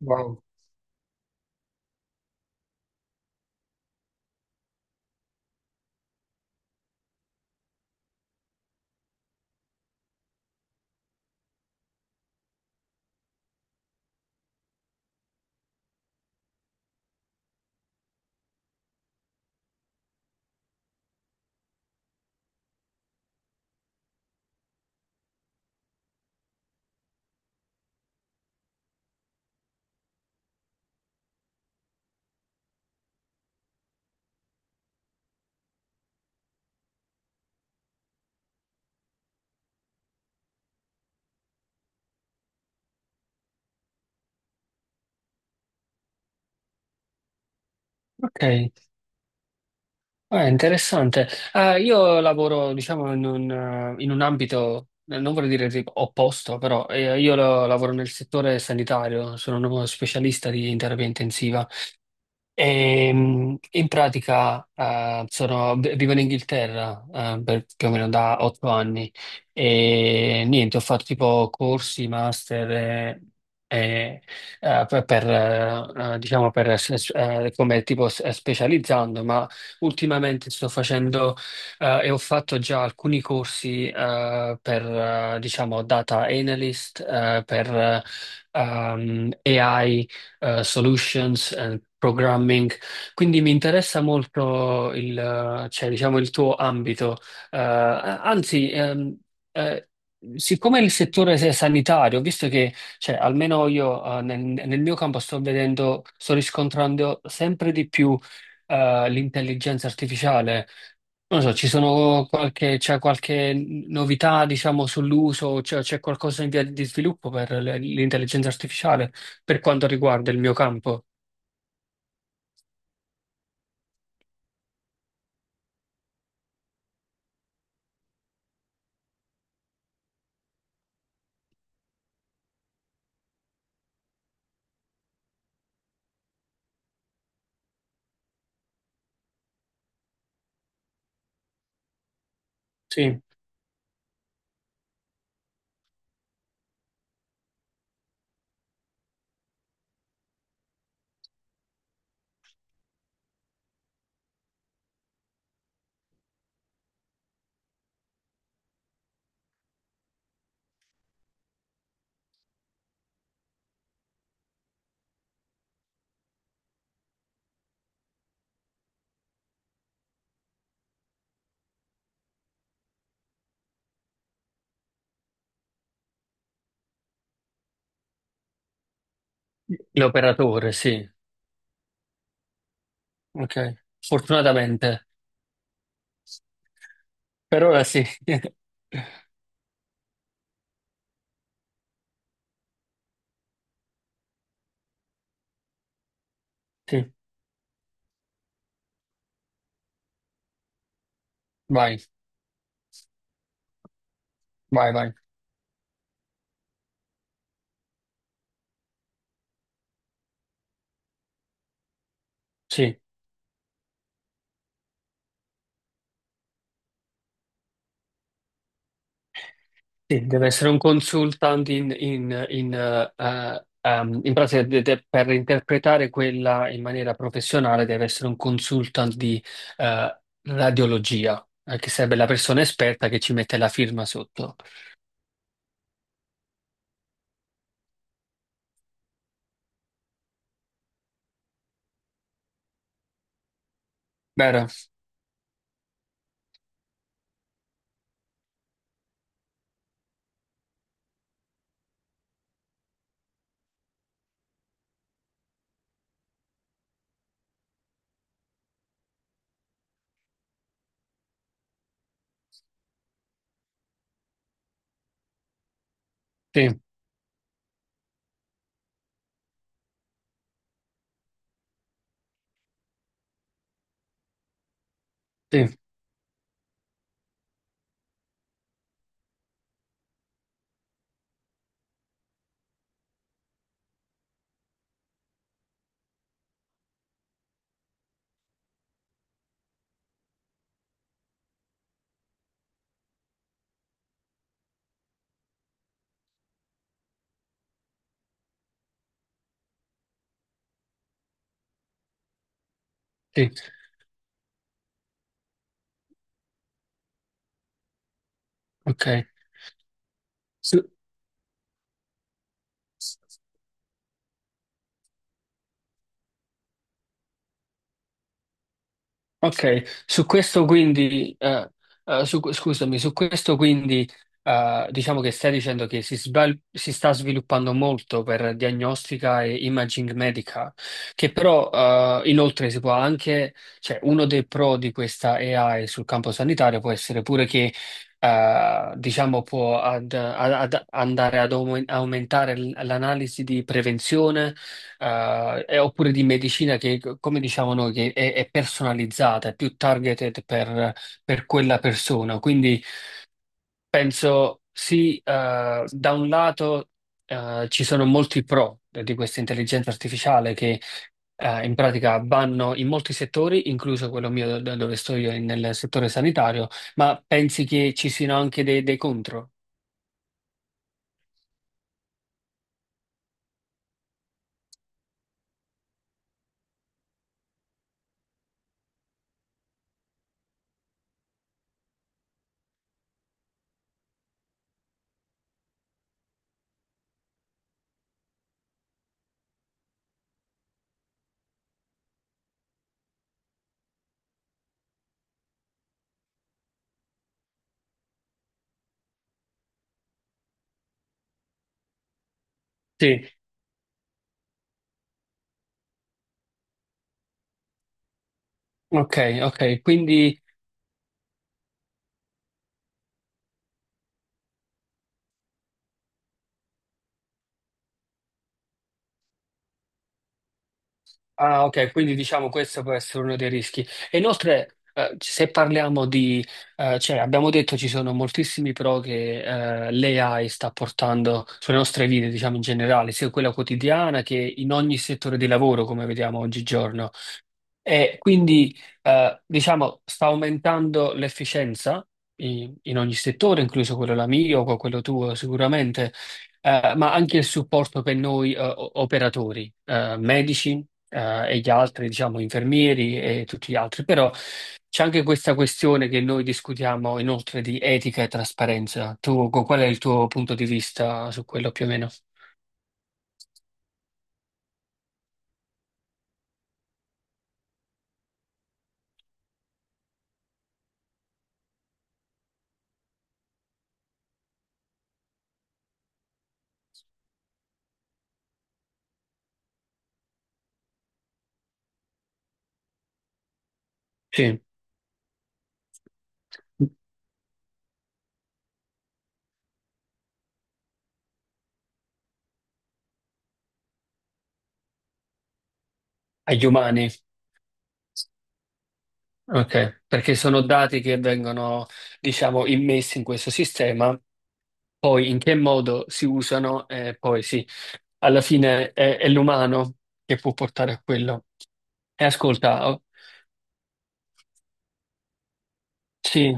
Wow, ok, interessante. Io lavoro, diciamo, in un ambito, non vorrei dire tipo opposto, però lavoro nel settore sanitario, sono uno specialista di terapia intensiva. E, in pratica vivo in Inghilterra per più o meno da 8 anni e niente, ho fatto tipo corsi, master eh, per, diciamo come tipo specializzando, ma ultimamente sto facendo e ho fatto già alcuni corsi per diciamo data analyst, per AI solutions and programming. Quindi mi interessa molto il, cioè, diciamo, il tuo ambito. Anzi, eh, siccome il settore se- sanitario, ho visto che, cioè, almeno io, nel mio campo sto vedendo, sto riscontrando sempre di più, l'intelligenza artificiale, non so, c'è qualche novità, diciamo, sull'uso, cioè c'è qualcosa in via di sviluppo per l'intelligenza artificiale per quanto riguarda il mio campo? Sì, l'operatore, sì, ok. Fortunatamente, per ora sì. Sì, vai, vai, vai. Sì. Sì, deve essere un consultant in, in pratica per interpretare quella in maniera professionale deve essere un consultant di radiologia, che sarebbe la persona esperta che ci mette la firma sotto. Vero? Sì, sì, sì, ok. Ok, su questo quindi, scusami, su questo quindi diciamo che stai dicendo che si sta sviluppando molto per diagnostica e imaging medica, che però inoltre si può anche, cioè uno dei pro di questa AI sul campo sanitario può essere pure che diciamo può andare ad aumentare l'analisi di prevenzione e oppure di medicina che, come diciamo noi, è personalizzata, è più targeted per quella persona. Quindi penso sì, da un lato ci sono molti pro di questa intelligenza artificiale che in pratica vanno in molti settori, incluso quello mio da dove sto io, nel settore sanitario, ma pensi che ci siano anche dei, dei contro? Sì. Ok, ok, quindi ah, ok, quindi diciamo questo può essere uno dei rischi. E inoltre, se parliamo di, cioè abbiamo detto ci sono moltissimi pro che l'AI sta portando sulle nostre vite, diciamo in generale, sia quella quotidiana che in ogni settore di lavoro, come vediamo oggigiorno. E quindi, diciamo, sta aumentando l'efficienza in, in ogni settore, incluso quello la mio, co- quello tuo sicuramente, ma anche il supporto per noi, operatori, medici, e gli altri, diciamo, infermieri e tutti gli altri. Però c'è anche questa questione che noi discutiamo inoltre di etica e trasparenza. Tu, qual è il tuo punto di vista su quello più o meno? Sì, agli umani. Ok, perché sono dati che vengono, diciamo, immessi in questo sistema, poi in che modo si usano, e poi sì, alla fine è l'umano che può portare a quello. E ascolta, oh, sì.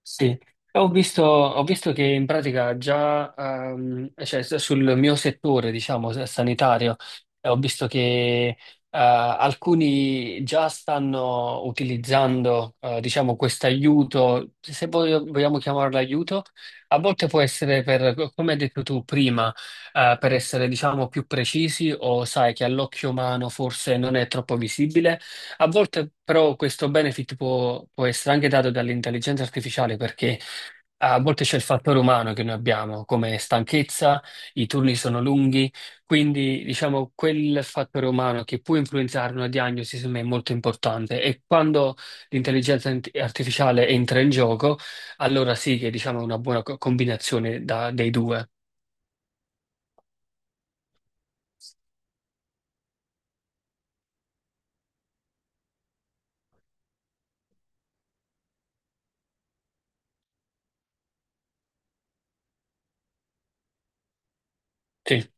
Sì, ho visto che in pratica già, cioè, sul mio settore, diciamo, sanitario, ho visto che alcuni già stanno utilizzando, diciamo, questo aiuto, se vogliamo chiamarlo aiuto, a volte può essere per, come hai detto tu prima, per essere, diciamo, più precisi o sai che all'occhio umano forse non è troppo visibile. A volte però questo benefit può, può essere anche dato dall'intelligenza artificiale perché a volte c'è il fattore umano che noi abbiamo, come stanchezza, i turni sono lunghi, quindi diciamo quel fattore umano che può influenzare una diagnosi secondo me è molto importante e quando artificiale entra in gioco, allora sì che diciamo è una buona combinazione dei due. Sì,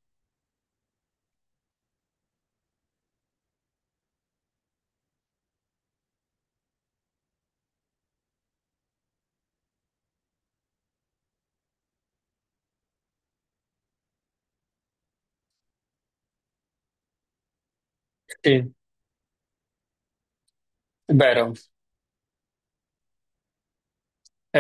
sì, è vero, è